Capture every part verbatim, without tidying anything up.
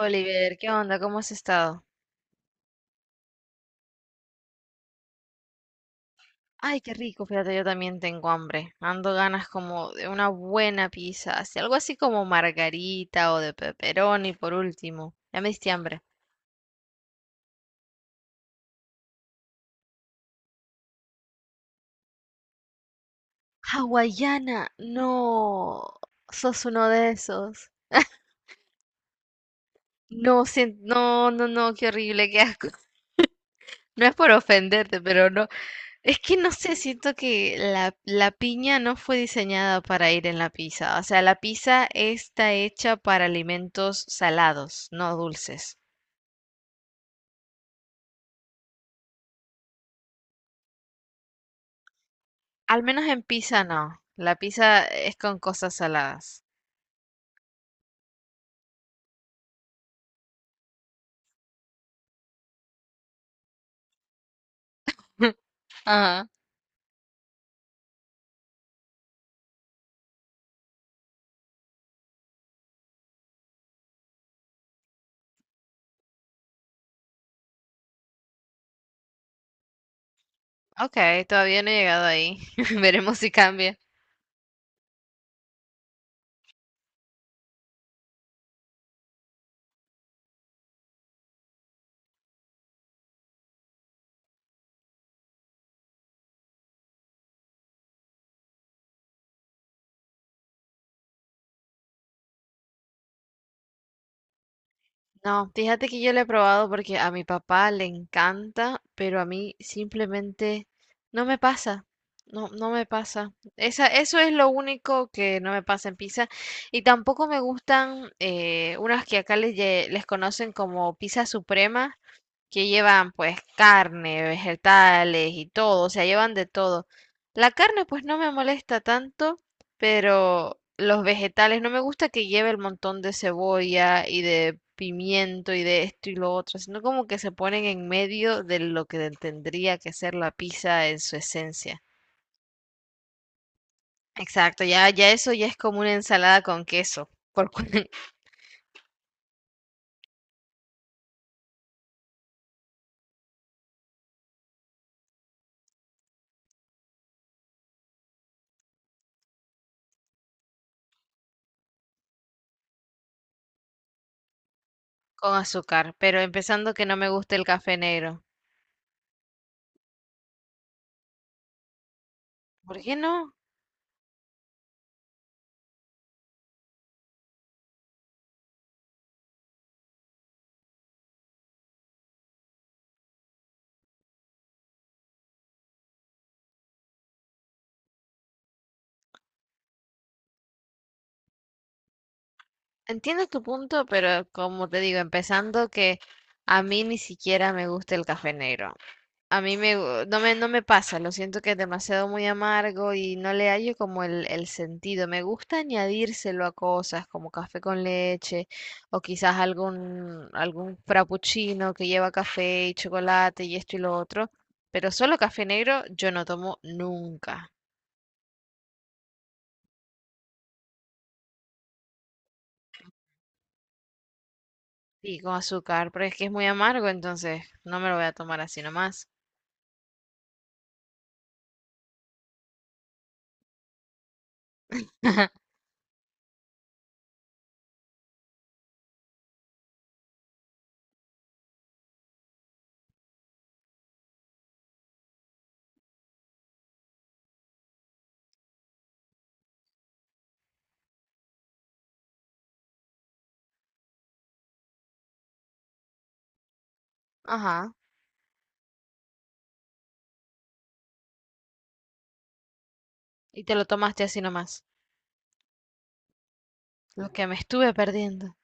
Oliver, ¿qué onda? ¿Cómo has estado? Ay, qué rico, fíjate, yo también tengo hambre. Ando ganas como de una buena pizza, así, algo así como margarita o de pepperoni por último. Ya me diste hambre. Hawaiana, no, sos uno de esos. No, sien- no, no, no, qué horrible, qué asco. No es por ofenderte, pero no. Es que no sé, siento que la, la piña no fue diseñada para ir en la pizza. O sea, la pizza está hecha para alimentos salados, no dulces. Al menos en pizza no. La pizza es con cosas saladas. Ajá. Ok, todavía no he llegado ahí. Veremos si cambia. No, fíjate que yo lo he probado porque a mi papá le encanta, pero a mí simplemente no me pasa. No, no me pasa. Esa, eso es lo único que no me pasa en pizza. Y tampoco me gustan eh, unas que acá les, lle- les conocen como pizza suprema, que llevan pues carne, vegetales y todo, o sea, llevan de todo. La carne pues no me molesta tanto, pero los vegetales no me gusta que lleve el montón de cebolla y de pimiento y de esto y lo otro, sino como que se ponen en medio de lo que tendría que ser la pizza en su esencia. Exacto, ya, ya eso ya es como una ensalada con queso, por cu- con azúcar, pero empezando que no me gusta el café negro. ¿Por qué no? Entiendo tu punto, pero como te digo, empezando que a mí ni siquiera me gusta el café negro. A mí me, gu- no me, no me pasa, lo siento que es demasiado muy amargo y no le hallo como el, el sentido. Me gusta añadírselo a cosas como café con leche o quizás algún, algún frappuccino que lleva café y chocolate y esto y lo otro, pero solo café negro yo no tomo nunca. Y con azúcar, pero es que es muy amargo, entonces no me lo voy a tomar así nomás. Ajá. Y te lo tomaste así nomás. Lo que me estuve perdiendo.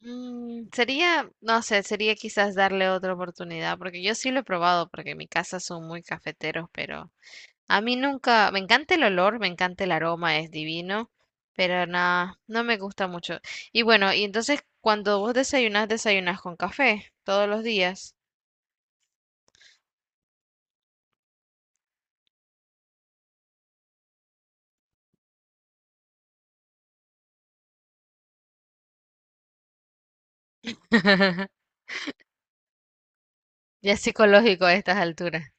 Mm, sería, no sé, sería quizás darle otra oportunidad, porque yo sí lo he probado, porque en mi casa son muy cafeteros, pero a mí nunca, me encanta el olor, me encanta el aroma, es divino, pero nada, no me gusta mucho. Y bueno, y entonces cuando vos desayunás, desayunás con café todos los días. Ya es psicológico a estas alturas.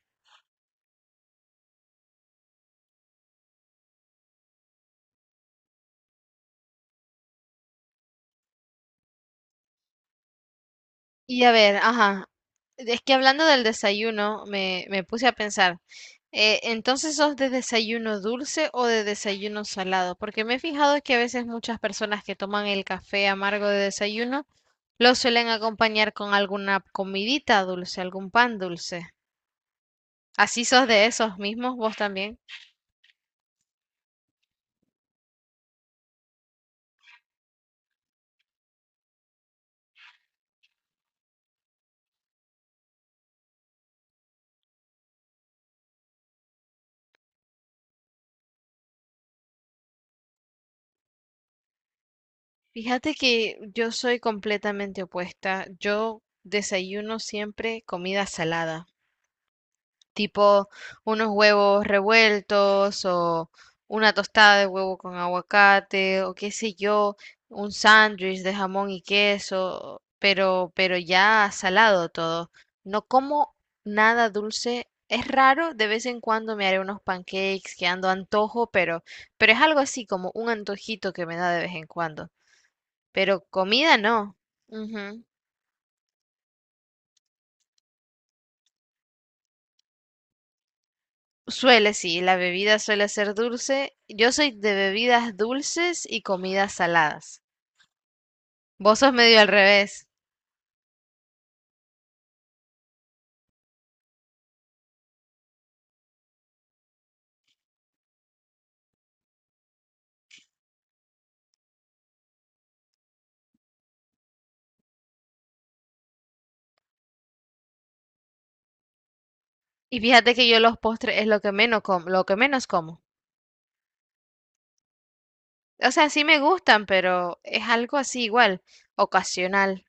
Y a ver, ajá. Es que hablando del desayuno, me, me puse a pensar, eh, entonces sos de desayuno dulce o de desayuno salado, porque me he fijado que a veces muchas personas que toman el café amargo de desayuno lo suelen acompañar con alguna comidita dulce, algún pan dulce. ¿Así sos de esos mismos vos también? Fíjate que yo soy completamente opuesta. Yo desayuno siempre comida salada. Tipo unos huevos revueltos o una tostada de huevo con aguacate o qué sé yo, un sándwich de jamón y queso, pero, pero ya salado todo. No como nada dulce. Es raro, de vez en cuando me haré unos pancakes que ando antojo, pero, pero es algo así como un antojito que me da de vez en cuando. Pero comida no. Ujú. Suele, sí, la bebida suele ser dulce. Yo soy de bebidas dulces y comidas saladas. Vos sos medio al revés. Y fíjate que yo los postres es lo que menos como, lo que menos como. O sea, sí me gustan, pero es algo así igual, ocasional.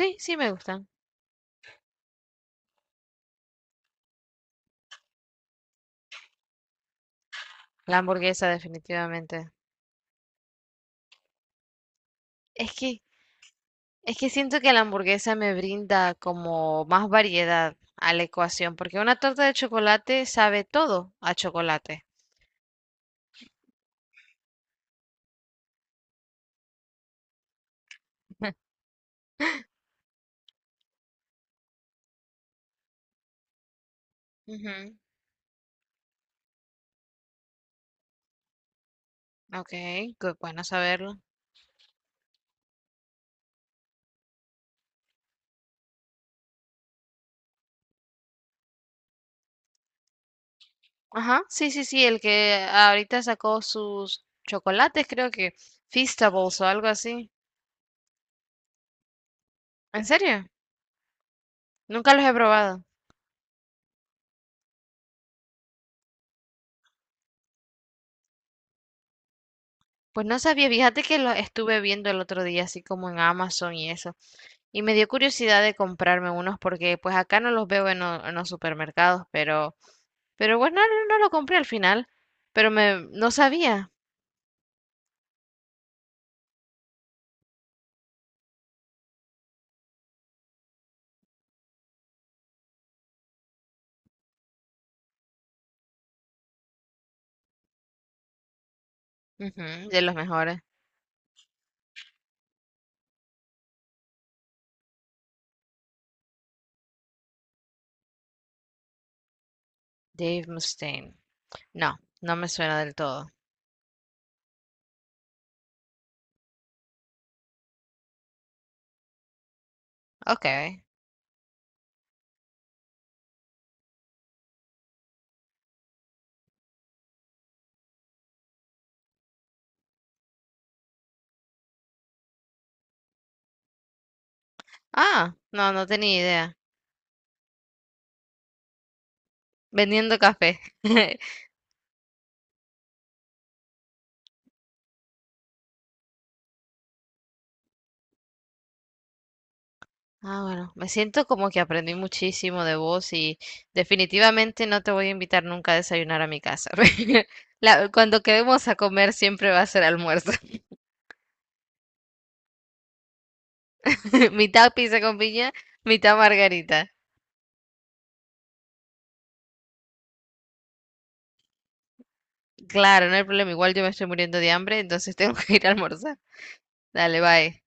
Sí, sí me gustan. La hamburguesa definitivamente. Es que es que siento que la hamburguesa me brinda como más variedad a la ecuación, porque una torta de chocolate sabe todo a chocolate. Ujú. Ok, qué bueno saberlo. Ajá, sí, sí, sí, el que ahorita sacó sus chocolates, creo que Feastables o algo así. ¿En serio? Nunca los he probado. Pues no sabía, fíjate que los estuve viendo el otro día, así como en Amazon y eso. Y me dio curiosidad de comprarme unos porque pues acá no los veo en, lo- en los supermercados, pero, pero bueno, no, no lo compré al final. Pero me, no sabía. Ujú, de los mejores. Dave Mustaine. No, no me suena del todo. Ok. Ah, no, no tenía idea. Vendiendo café. Ah, bueno, me siento como que aprendí muchísimo de vos y definitivamente no te voy a invitar nunca a desayunar a mi casa. La- cuando quedemos a comer siempre va a ser almuerzo. Mitad pizza con piña, mitad margarita. Claro, no hay problema. Igual yo me estoy muriendo de hambre, entonces tengo que ir a almorzar. Dale, bye.